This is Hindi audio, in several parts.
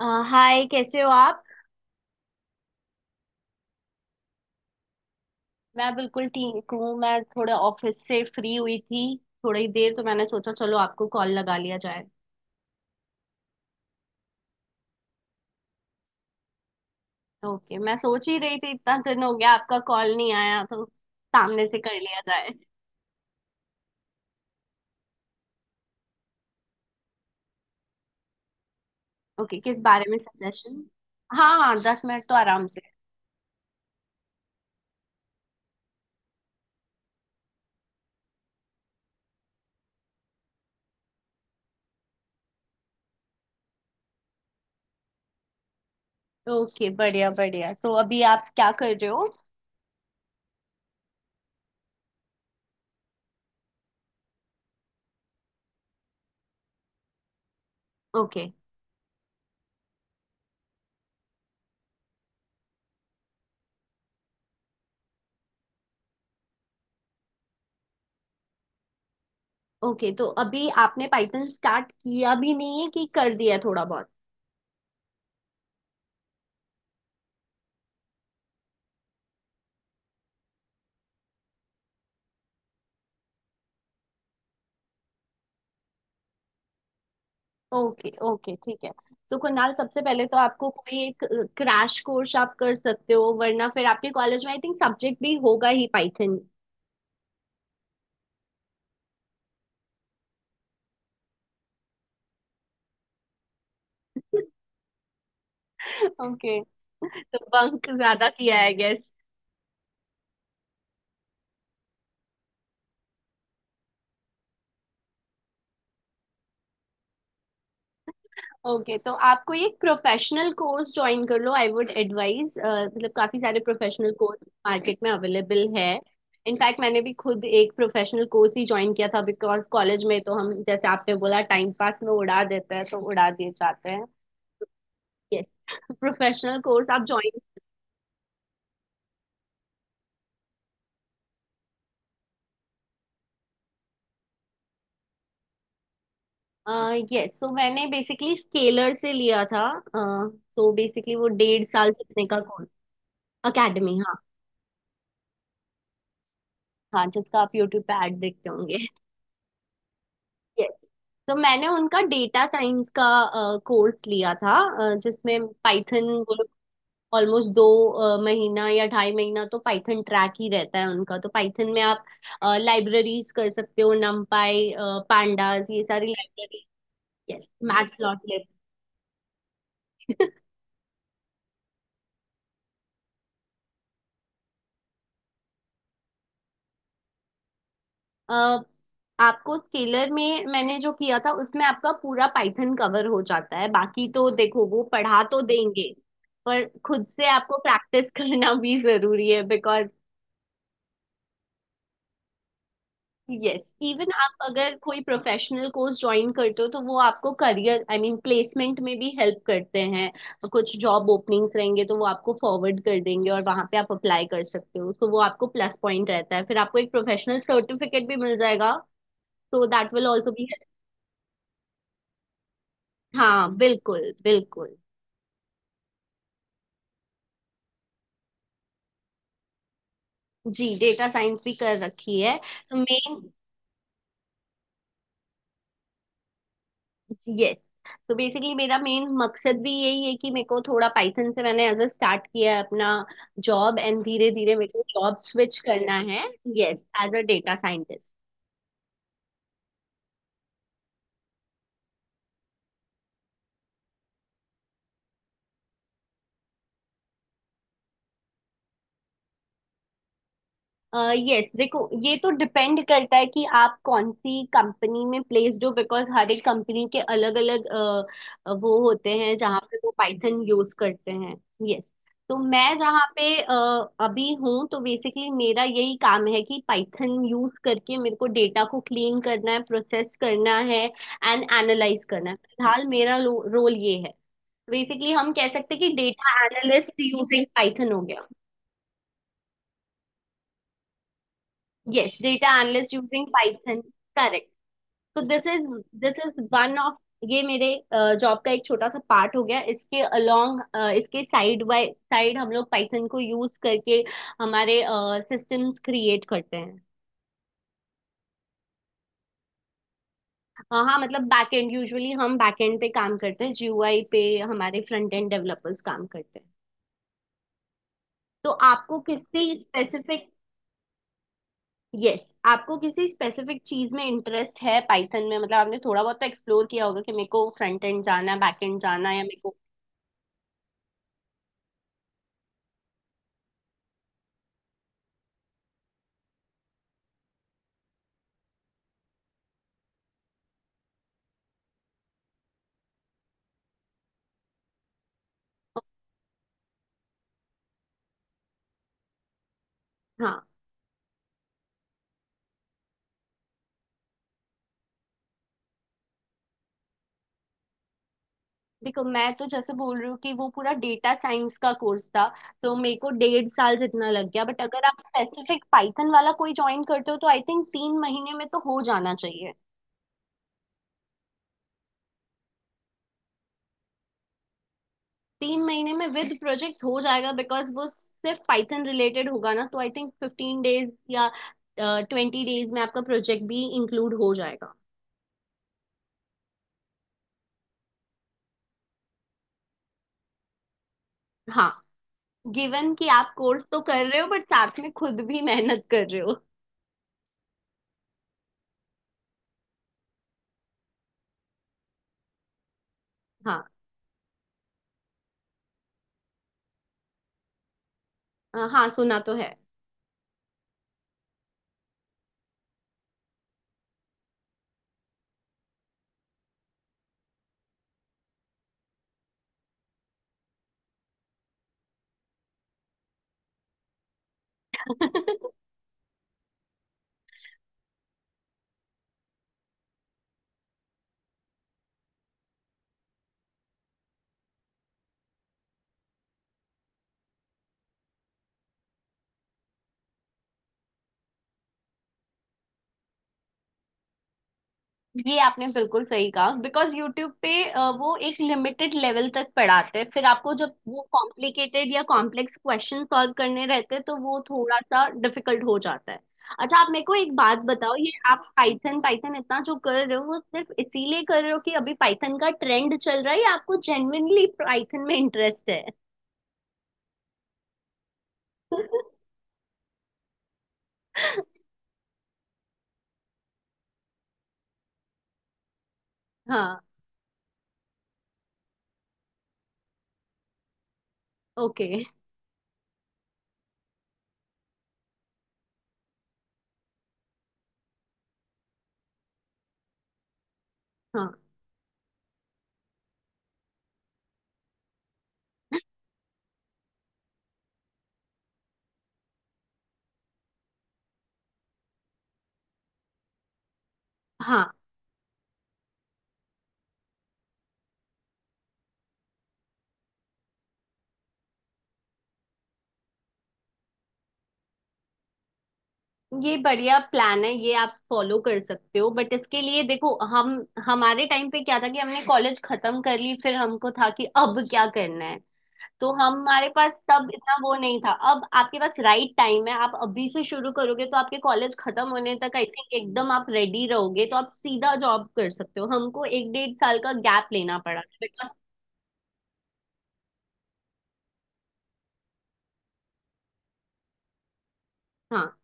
अ, हाय कैसे हो आप। मैं बिल्कुल ठीक हूँ, मैं थोड़े ऑफिस से फ्री हुई थी। थोड़ी देर तो मैंने सोचा चलो आपको कॉल लगा लिया जाए। ओके, मैं सोच ही रही थी इतना दिन हो गया आपका कॉल नहीं आया तो सामने से कर लिया जाए। ओके, किस बारे में सजेशन। हाँ हाँ, 10 मिनट तो आराम से। ओके, बढ़िया बढ़िया। सो अभी आप क्या कर रहे हो। ओके ओके, तो अभी आपने पाइथन स्टार्ट किया भी नहीं है कि कर दिया थोड़ा बहुत। ओके ओके, ठीक है। तो कुणाल, सबसे पहले तो आपको कोई एक क्रैश कोर्स आप कर सकते हो, वरना फिर आपके कॉलेज में आई थिंक सब्जेक्ट भी होगा ही पाइथन। ओके, तो बंक ज्यादा किया है गेस। ओके, तो आपको ये प्रोफेशनल कोर्स ज्वाइन कर लो, आई वुड एडवाइज। मतलब काफी सारे प्रोफेशनल कोर्स मार्केट में अवेलेबल है। इनफैक्ट मैंने भी खुद एक प्रोफेशनल कोर्स ही ज्वाइन किया था बिकॉज कॉलेज में तो हम जैसे आपने बोला टाइम पास में उड़ा देते हैं तो उड़ा दिए जाते हैं। यस, प्रोफेशनल कोर्स आप ज्वाइन। यस, तो मैंने बेसिकली स्केलर से लिया था। सो बेसिकली वो 1.5 साल चलने का कोर्स। एकेडमी, हाँ। हाँ, जिसका आप यूट्यूब पे ऐड देखते होंगे। यस, तो मैंने उनका डेटा साइंस का कोर्स लिया था। जिसमें पाइथन वो लोग ऑलमोस्ट 2 महीना या 2.5 महीना तो पाइथन ट्रैक ही रहता है उनका। तो पाइथन में आप लाइब्रेरीज कर सकते हो, numpy पाई पांडास ये सारी लाइब्रेरी। Yes, matplot. अ, आपको स्केलर में मैंने जो किया था उसमें आपका पूरा पाइथन कवर हो जाता है, बाकी तो देखो वो पढ़ा तो देंगे पर खुद से आपको प्रैक्टिस करना भी जरूरी है बिकॉज। यस, इवन आप अगर कोई प्रोफेशनल कोर्स ज्वाइन करते हो तो वो आपको करियर आई मीन प्लेसमेंट में भी हेल्प करते हैं। कुछ जॉब ओपनिंग्स रहेंगे तो वो आपको फॉरवर्ड कर देंगे और वहां पे आप अप्लाई कर सकते हो, तो वो आपको प्लस पॉइंट रहता है। फिर आपको एक प्रोफेशनल सर्टिफिकेट भी मिल जाएगा, तो दैट विल ऑल्सो बी। हाँ बिल्कुल बिल्कुल। जी, डेटा साइंस भी कर रखी है। तो मेन, यस, तो बेसिकली मेरा मेन मकसद भी यही है कि मेरे को थोड़ा पाइथन से मैंने एज अ स्टार्ट किया है अपना जॉब एंड धीरे धीरे मेरे को जॉब स्विच करना है। Yes, as a data scientist. Yes, देखो, ये तो डिपेंड करता है कि आप कौन सी कंपनी में प्लेस्ड हो बिकॉज हर एक कंपनी के अलग अलग वो होते हैं जहाँ पे वो पाइथन यूज करते हैं। यस, तो मैं जहाँ पे अभी हूँ, तो बेसिकली मेरा यही काम है कि पाइथन यूज करके मेरे को डेटा को क्लीन करना है, प्रोसेस करना है एंड एनालाइज करना है। फिलहाल मेरा रोल ये है। बेसिकली हम कह सकते हैं कि डेटा एनालिस्ट यूजिंग पाइथन हो गया। Yes, data analyst using Python. तो दिस इज वन ऑफ, ये मेरे जॉब का एक छोटा सा पार्ट हो गया। इसके अलोंग, इसके साइड बाय साइड हम लोग पाइथन को यूज करके हमारे सिस्टम्स क्रिएट करते हैं। हाँ, मतलब बैक एंड, यूजुअली हम बैक एंड पे काम करते हैं, जीयूआई पे हमारे फ्रंट एंड डेवलपर्स काम करते हैं। तो आपको किसी स्पेसिफिक, यस, yes, आपको किसी स्पेसिफिक चीज में इंटरेस्ट है पाइथन में, मतलब आपने थोड़ा बहुत तो एक्सप्लोर किया होगा कि मेरे को फ्रंट एंड जाना है, बैक एंड जाना है, या मेरे को, हाँ। देखो, मैं तो जैसे बोल रही हूँ कि वो पूरा डेटा साइंस का कोर्स था, तो मेरे को 1.5 साल जितना लग गया, बट अगर आप स्पेसिफिक पाइथन वाला कोई ज्वाइन करते हो तो आई थिंक 3 महीने में तो हो जाना चाहिए। 3 महीने में विद प्रोजेक्ट हो जाएगा बिकॉज वो सिर्फ पाइथन रिलेटेड होगा ना, तो आई थिंक 15 डेज या 20 डेज में आपका प्रोजेक्ट भी इंक्लूड हो जाएगा। हाँ, गिवन कि आप कोर्स तो कर रहे हो बट साथ में खुद भी मेहनत कर रहे हो। हाँ, हाँ, सुना तो है। ये आपने बिल्कुल सही कहा बिकॉज यूट्यूब पे वो एक लिमिटेड लेवल तक पढ़ाते हैं, फिर आपको जब वो कॉम्प्लिकेटेड या कॉम्प्लेक्स क्वेश्चन सॉल्व करने रहते हैं तो वो थोड़ा सा डिफिकल्ट हो जाता है। अच्छा, आप मेरे को एक बात बताओ, ये आप पाइथन पाइथन इतना जो कर रहे हो वो सिर्फ इसीलिए कर रहे हो कि अभी पाइथन का ट्रेंड चल रहा है या आपको जेन्युइनली पाइथन में इंटरेस्ट है। हाँ। ओके। हाँ हाँ, ये बढ़िया प्लान है, ये आप फॉलो कर सकते हो, बट इसके लिए देखो, हम, हमारे टाइम पे क्या था कि हमने कॉलेज खत्म कर ली, फिर हमको था कि अब क्या करना है। तो हमारे पास तब इतना वो नहीं था। अब आपके पास राइट टाइम है, आप अभी से शुरू करोगे तो आपके कॉलेज खत्म होने तक आई थिंक एकदम आप रेडी रहोगे, तो आप सीधा जॉब कर सकते हो। हमको 1-1.5 साल का गैप लेना पड़ा बिकॉज, हाँ,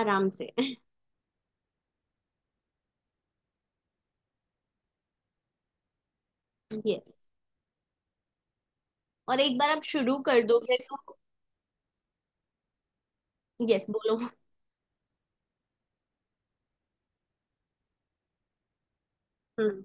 आराम से। यस। और एक बार आप शुरू कर दोगे तो, यस, बोलो। हम्म।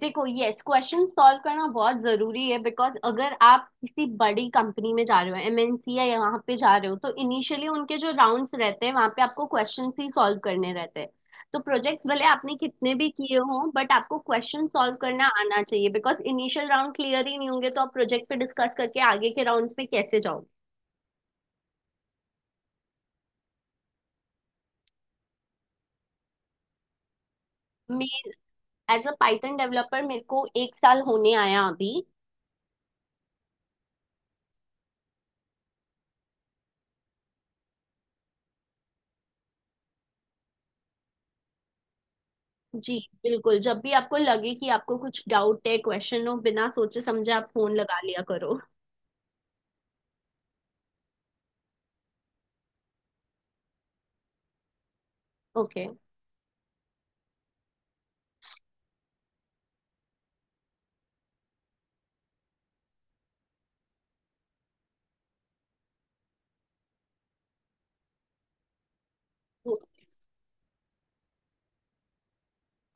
देखो, यस, क्वेश्चन सॉल्व करना बहुत जरूरी है, बिकॉज अगर आप किसी बड़ी कंपनी में जा रहे हो, एमएनसी या यहाँ पे जा रहे हो, तो इनिशियली उनके जो राउंड्स रहते हैं वहां पे आपको क्वेश्चन ही सॉल्व करने रहते हैं। तो प्रोजेक्ट भले आपने कितने भी किए हों, बट आपको क्वेश्चन सॉल्व करना आना चाहिए बिकॉज इनिशियल राउंड क्लियर ही नहीं होंगे तो आप प्रोजेक्ट पे डिस्कस करके आगे के राउंड्स पे कैसे जाओगे। मैं, एज अ पाइथन डेवलपर मेरे को 1 साल होने आया अभी। जी बिल्कुल, जब भी आपको लगे कि आपको कुछ डाउट है, क्वेश्चन हो, बिना सोचे समझे आप फोन लगा लिया करो। ओके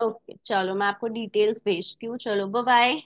ओके, चलो मैं आपको डिटेल्स भेजती हूँ, चलो बाय बाय।